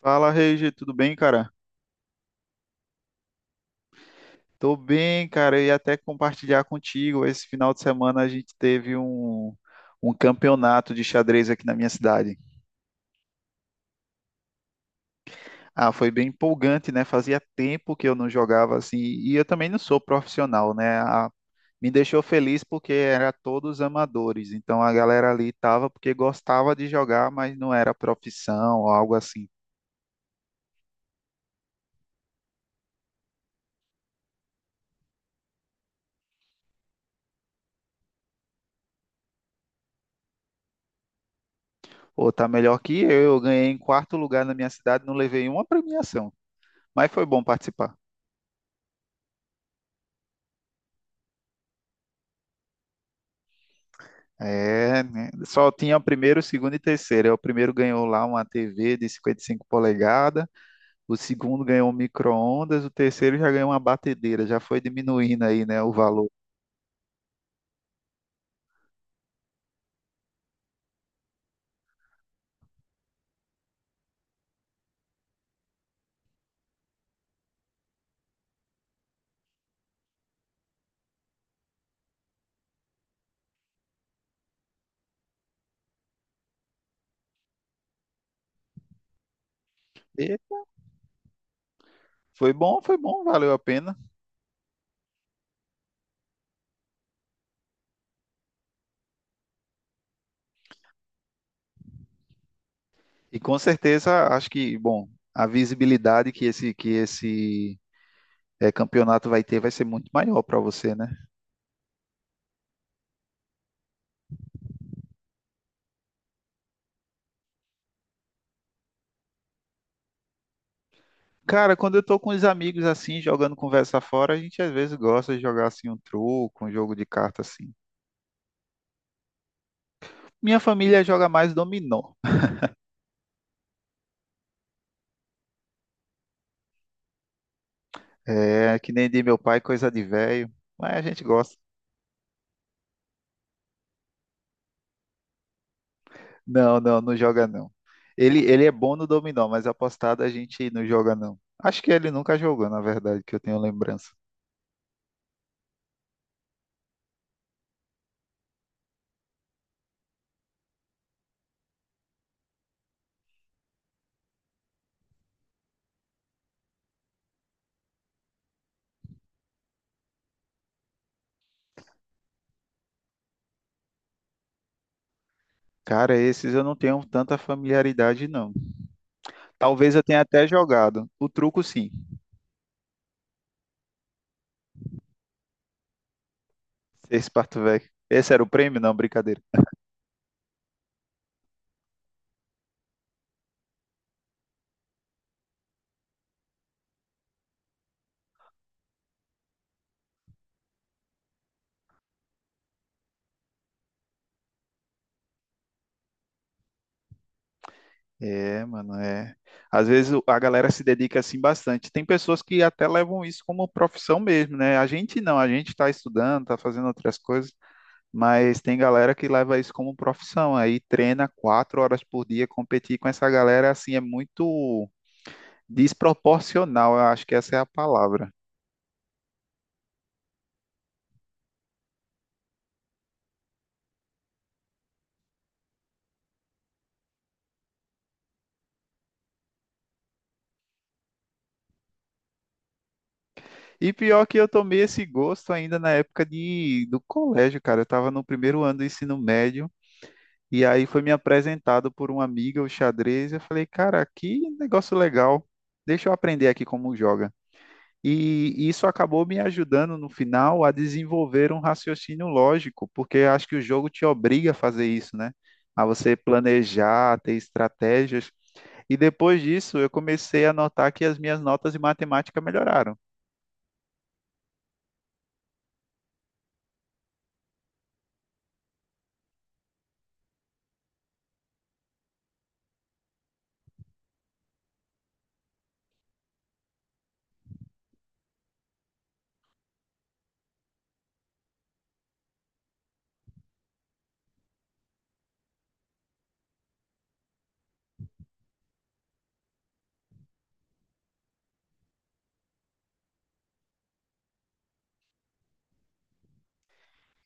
Fala, Regi, tudo bem, cara? Tô bem, cara. Eu ia até compartilhar contigo. Esse final de semana a gente teve um campeonato de xadrez aqui na minha cidade. Ah, foi bem empolgante, né? Fazia tempo que eu não jogava assim. E eu também não sou profissional, né? Me deixou feliz porque era todos amadores. Então a galera ali tava porque gostava de jogar, mas não era profissão ou algo assim. Ou tá melhor que eu. Eu ganhei em quarto lugar na minha cidade, não levei uma premiação. Mas foi bom participar. É, né? Só tinha o primeiro, o segundo e o terceiro. Aí o primeiro ganhou lá uma TV de 55 polegadas, o segundo ganhou um micro-ondas, o terceiro já ganhou uma batedeira, já foi diminuindo aí, né, o valor. E foi bom, valeu a pena. E com certeza, acho que, bom, a visibilidade que esse campeonato vai ter vai ser muito maior para você, né? Cara, quando eu tô com os amigos assim, jogando conversa fora, a gente às vezes gosta de jogar assim um truco, um jogo de carta assim. Minha família joga mais dominó. É, que nem de meu pai, coisa de velho. Mas a gente gosta. Não, não, não joga não. Ele é bom no dominó, mas apostado a gente não joga não. Acho que ele nunca jogou, na verdade, que eu tenho lembrança. Cara, esses eu não tenho tanta familiaridade não. Talvez eu tenha até jogado. O truco sim. Esse parto velho. Esse era o prêmio? Não, brincadeira. É, mano, é. Às vezes a galera se dedica assim bastante. Tem pessoas que até levam isso como profissão mesmo, né? A gente não, a gente tá estudando, tá fazendo outras coisas. Mas tem galera que leva isso como profissão, aí treina 4 horas por dia, competir com essa galera assim é muito desproporcional, eu acho que essa é a palavra. E pior que eu tomei esse gosto ainda na época de, do colégio, cara. Eu estava no primeiro ano do ensino médio e aí foi me apresentado por uma amiga o xadrez. Eu falei, cara, que negócio legal. Deixa eu aprender aqui como joga. E isso acabou me ajudando no final a desenvolver um raciocínio lógico, porque acho que o jogo te obriga a fazer isso, né? A você planejar, ter estratégias. E depois disso, eu comecei a notar que as minhas notas de matemática melhoraram.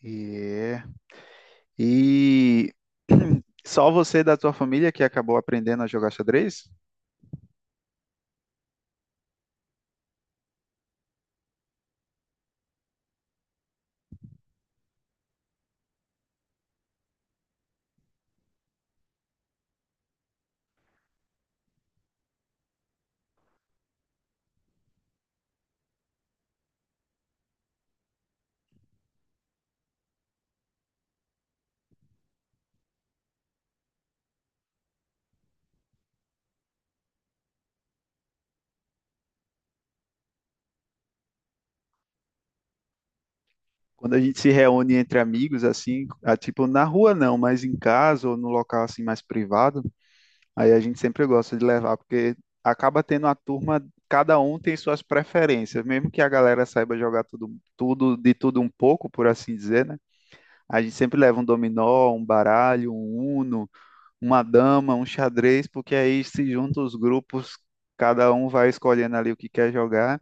E, e só você da tua família que acabou aprendendo a jogar xadrez? Quando a gente se reúne entre amigos, assim, ah, tipo, na rua não, mas em casa ou no local assim mais privado, aí a gente sempre gosta de levar, porque acaba tendo a turma, cada um tem suas preferências, mesmo que a galera saiba jogar tudo, tudo de tudo um pouco, por assim dizer, né? A gente sempre leva um dominó, um baralho, um uno, uma dama, um xadrez, porque aí se juntam os grupos, cada um vai escolhendo ali o que quer jogar,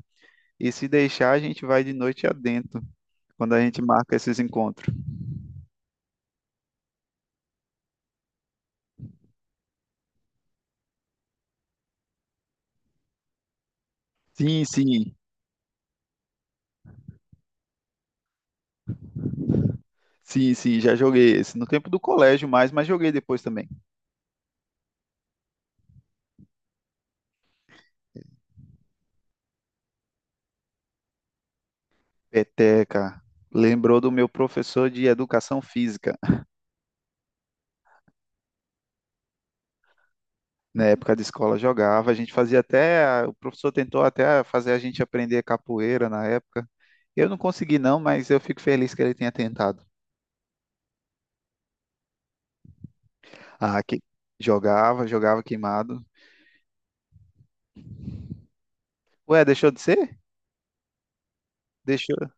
e se deixar, a gente vai de noite adentro, quando a gente marca esses encontros. Sim, sim. Sim, sim, já joguei esse no tempo do colégio mais, mas joguei depois também. Peteca. Lembrou do meu professor de educação física. Na época de escola jogava, a gente fazia até, o professor tentou até fazer a gente aprender capoeira na época. Eu não consegui não, mas eu fico feliz que ele tenha tentado. Ah, que jogava, jogava queimado. Ué, deixou de ser? Deixou.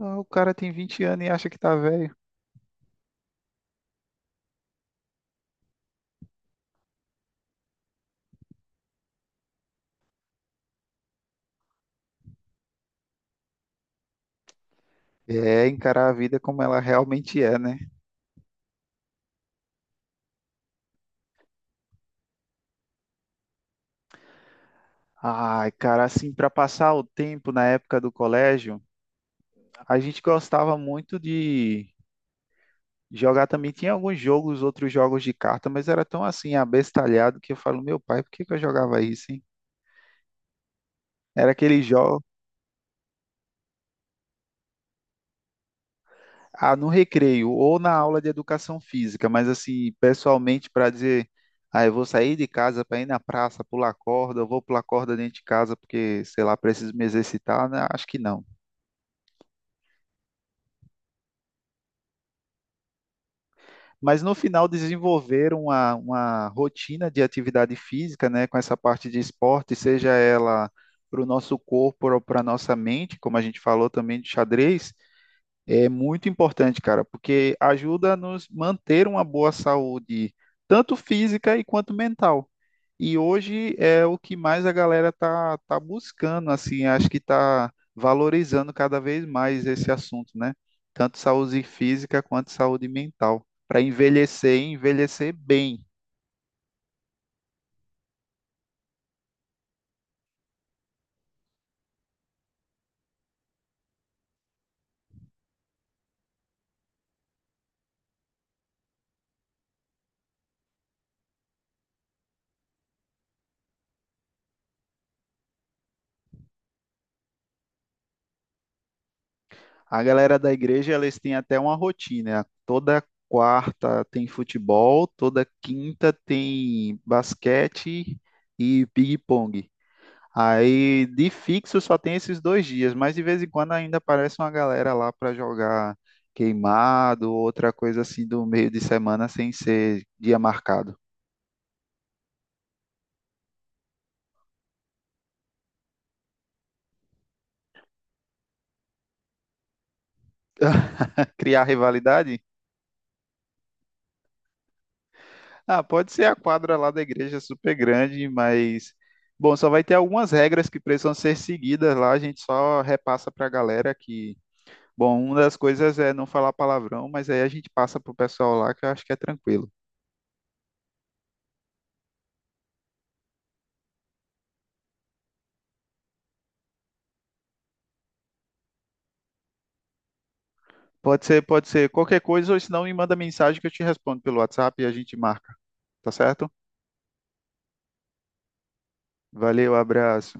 Ah, o cara tem 20 anos e acha que tá velho. É encarar a vida como ela realmente é, né? Ai, cara, assim, para passar o tempo na época do colégio, a gente gostava muito de jogar também. Tinha alguns jogos, outros jogos de carta, mas era tão assim, abestalhado que eu falo, meu pai, por que que eu jogava isso, hein? Era aquele jogo, ah, no recreio ou na aula de educação física, mas assim, pessoalmente para dizer, ah, eu vou sair de casa para ir na praça pular corda, eu vou pular corda dentro de casa porque, sei lá, preciso me exercitar, né? Acho que não. Mas no final desenvolveram uma rotina de atividade física, né, com essa parte de esporte, seja ela para o nosso corpo ou para a nossa mente, como a gente falou também de xadrez, é muito importante, cara, porque ajuda a nos manter uma boa saúde, tanto física e quanto mental. E hoje é o que mais a galera tá buscando, assim, acho que tá valorizando cada vez mais esse assunto, né? Tanto saúde física quanto saúde mental, para envelhecer e envelhecer bem. A galera da igreja, eles têm até uma rotina. Né? Toda quarta tem futebol, toda quinta tem basquete e ping-pong. Aí, de fixo, só tem esses dois dias, mas de vez em quando ainda aparece uma galera lá para jogar queimado, outra coisa assim do meio de semana sem ser dia marcado. Criar rivalidade? Ah, pode ser a quadra lá da igreja super grande, mas bom, só vai ter algumas regras que precisam ser seguidas lá, a gente só repassa para a galera que, bom, uma das coisas é não falar palavrão, mas aí a gente passa pro pessoal lá que eu acho que é tranquilo. Pode ser qualquer coisa, ou se não me manda mensagem que eu te respondo pelo WhatsApp e a gente marca, tá certo? Valeu, abraço.